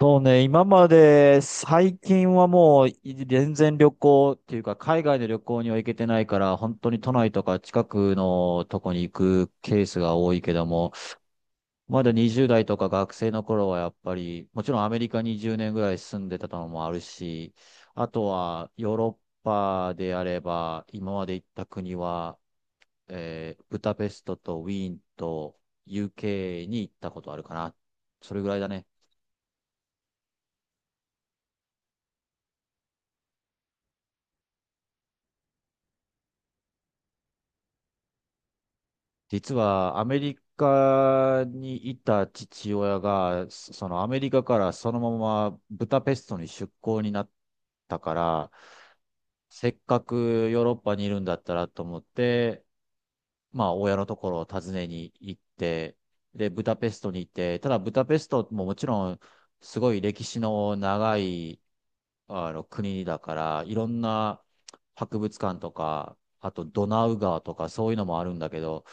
そうね、今まで最近はもう全然旅行っていうか海外の旅行には行けてないから本当に都内とか近くのとこに行くケースが多いけども、まだ20代とか学生の頃はやっぱりもちろんアメリカに0年ぐらい住んでたのもあるし、あとはヨーロッパであれば今まで行った国は、ブダペストとウィーンと UK に行ったことあるかな。それぐらいだね。実はアメリカにいた父親が、そのアメリカからそのままブダペストに出向になったから、せっかくヨーロッパにいるんだったらと思って、まあ、親のところを訪ねに行って、で、ブダペストに行って、ただブダペストももちろん、すごい歴史の長い、国だから、いろんな博物館とか、あとドナウ川とかそういうのもあるんだけど、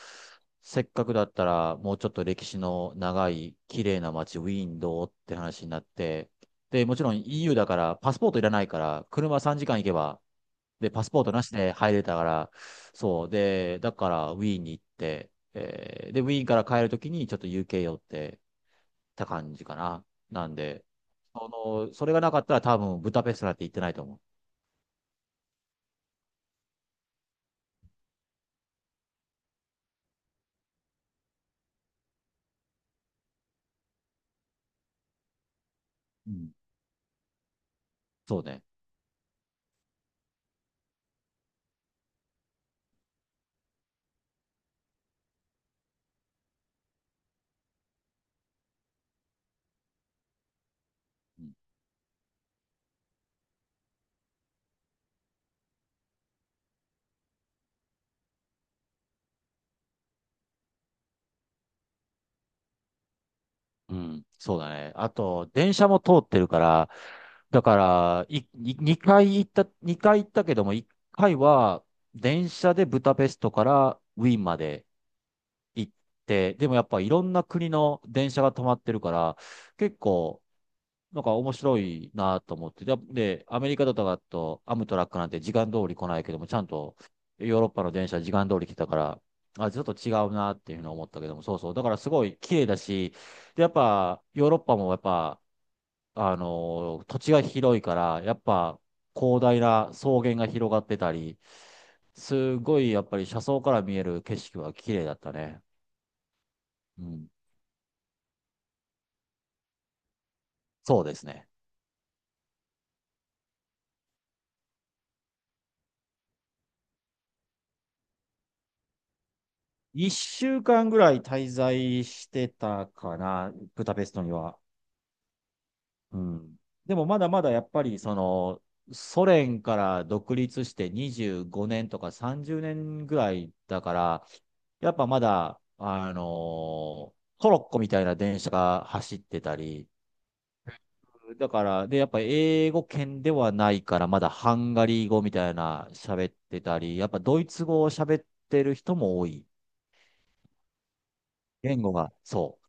せっかくだったら、もうちょっと歴史の長い、綺麗な街、ウィーンどうって話になって、で、もちろん EU だから、パスポートいらないから、車3時間行けば、で、パスポートなしで入れたから、そう。で、だからウィーンに行って、で、ウィーンから帰るときにちょっと UK 寄ってた感じかな。なんで、そそれがなかったら多分ブダペストなんて行ってないと思う。うん。そうね。うん、うん。そうだね。あと、電車も通ってるから、だから、2回行った、二回行ったけども、1回は電車でブダペストからウィーンまで行って、でもやっぱいろんな国の電車が止まってるから、結構、なんか面白いなと思って。でアメリカとかだと、アムトラックなんて時間通り来ないけども、ちゃんとヨーロッパの電車時間通り来たから、あ、ちょっと違うなっていうふうに思ったけども、そうそう。だからすごい綺麗だし、で、やっぱヨーロッパもやっぱ、土地が広いから、やっぱ広大な草原が広がってたり、すごいやっぱり車窓から見える景色は綺麗だったね。うん。そうですね。一週間ぐらい滞在してたかな、ブダペストには。うん。でもまだまだやっぱりその、ソ連から独立して25年とか30年ぐらいだから、やっぱまだ、トロッコみたいな電車が走ってたり、だから、で、やっぱ英語圏ではないから、まだハンガリー語みたいな喋ってたり、やっぱドイツ語を喋ってる人も多い。言語が、そう。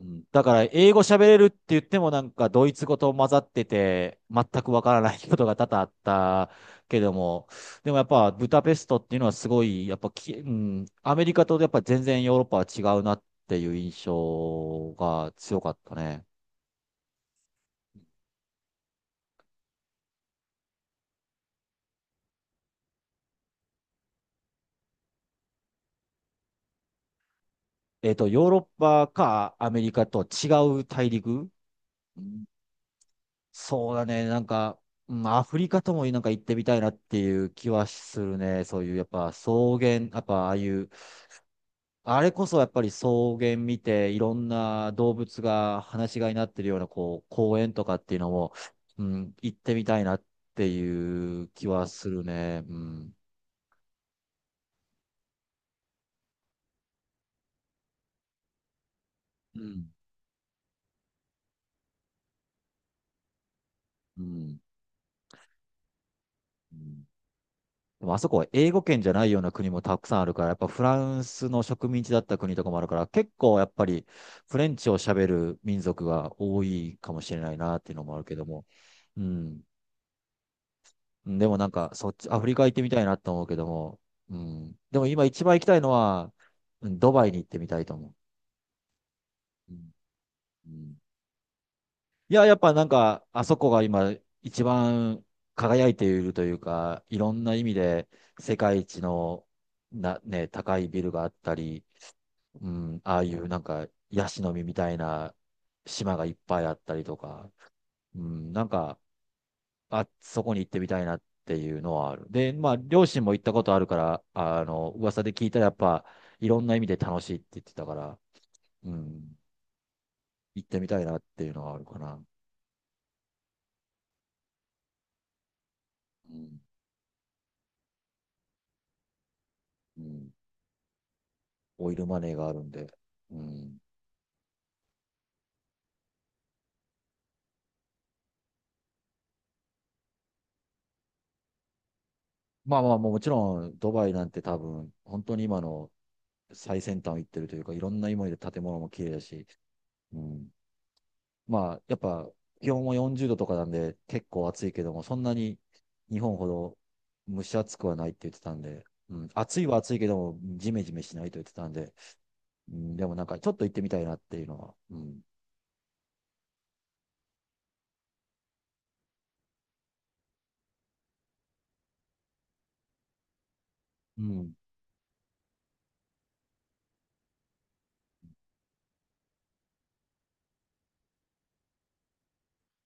うん。だから、英語喋れるって言ってもなんか、ドイツ語と混ざってて、全くわからないことが多々あったけども、でもやっぱ、ブダペストっていうのはすごい、やっぱうん、アメリカとやっぱ全然ヨーロッパは違うなっていう印象が強かったね。ヨーロッパかアメリカと違う大陸。うん。そうだね、なんか、うん、アフリカともなんか行ってみたいなっていう気はするね。そういう、やっぱ草原、やっぱああいう、あれこそやっぱり草原見て、いろんな動物が放し飼いになってるような、こう、公園とかっていうのも、うん、行ってみたいなっていう気はするね。うん。うん。うん。うん。でもあそこは英語圏じゃないような国もたくさんあるから、やっぱフランスの植民地だった国とかもあるから、結構やっぱりフレンチを喋る民族が多いかもしれないなっていうのもあるけども。うん。うん。でもなんか、そっち、アフリカ行ってみたいなと思うけども、うん。でも今一番行きたいのは、うん、ドバイに行ってみたいと思う。うん。うん。いや、やっぱなんか、あそこが今一番輝いているというか、いろんな意味で世界一のな、ね、高いビルがあったり、うん、ああいうなんか、ヤシの実みたいな島がいっぱいあったりとか、うん、なんか、あ、そこに行ってみたいなっていうのはある。で、まあ、両親も行ったことあるから、あの、噂で聞いたらやっぱ、いろんな意味で楽しいって言ってたから、うん、行ってみたいなっていうのはあるかな。うん、うん、オイルマネーがあるんで。うん、まあまあ、もちろん、ドバイなんて多分、本当に今の最先端を行ってるというか、いろんな意味で建物も綺麗だし、うん。まあ、やっぱ、気温も40度とかなんで、結構暑いけども、そんなに日本ほど蒸し暑くはないって言ってたんで、うん、暑いは暑いけども、ジメジメしないと言ってたんで、うん、でもなんか、ちょっと行ってみたいなっていうのは、うん。うん、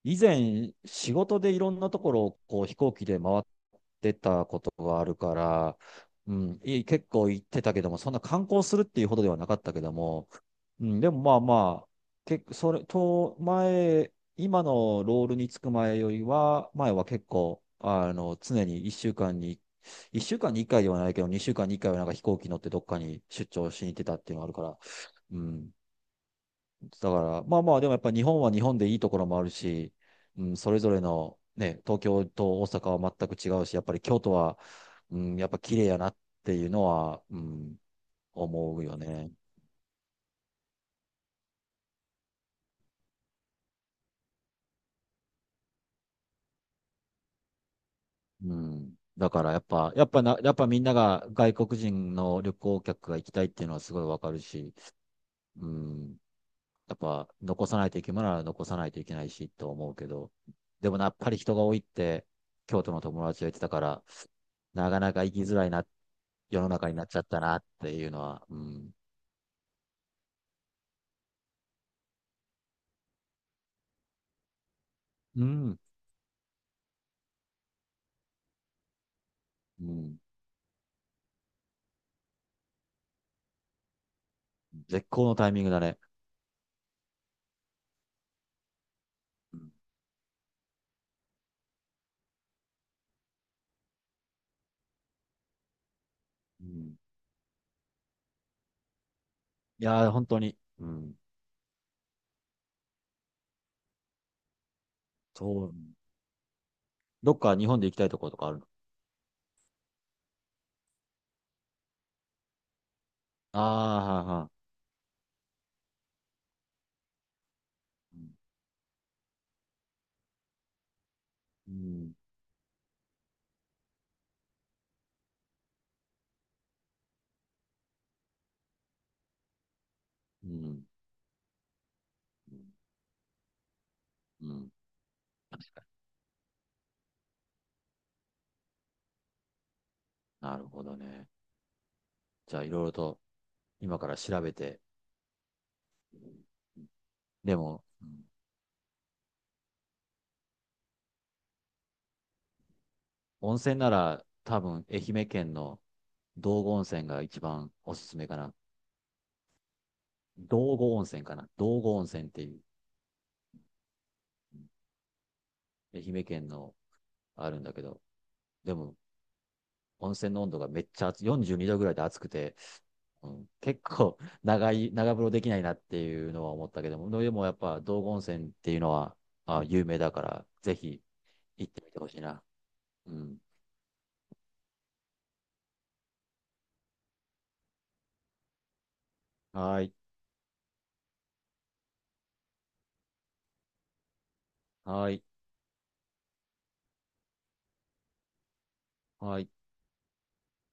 以前、仕事でいろんなところをこう飛行機で回ってたことがあるから、うん、結構行ってたけども、そんな観光するっていうほどではなかったけども、うん、でもまあまあ、それと前、今のロールにつく前よりは、前は結構、あの、常に1週間に1回ではないけど、2週間に1回はなんか飛行機乗ってどっかに出張しに行ってたっていうのがあるから、うん。だから、まあまあ、でもやっぱ日本は日本でいいところもあるし、うん、それぞれの、ね、東京と大阪は全く違うし、やっぱり京都は、うん、やっぱ綺麗やなっていうのは、うん、思うよね。うん。だからやっぱ、やっぱな、やっぱみんなが外国人の旅行客が行きたいっていうのはすごいわかるし、うん。やっぱ残さないといけないなら残さないといけないしと思うけど、でもなやっぱり人が多いって、京都の友達が言ってたから、なかなか行きづらいな、世の中になっちゃったなっていうのは、うん。うん。うん。絶好のタイミングだね。うん。うん。いやー、本当に。うん。そう。どっか日本で行きたいところとかあるの？ああー、はーはー、うん。うん、うん。うん。なるほどね。じゃあ、いろいろと今から調べて。でも、うん、温泉なら多分愛媛県の道後温泉が一番おすすめかな。道後温泉かな。道後温泉っていう、うん、愛媛県のあるんだけど、でも、温泉の温度がめっちゃ暑い、42度ぐらいで暑くて、うん、結構長風呂できないなっていうのは思ったけども、でもやっぱ道後温泉っていうのは、あ、有名だから、ぜひ行ってみてほしいな。うん。はい。はい。はい。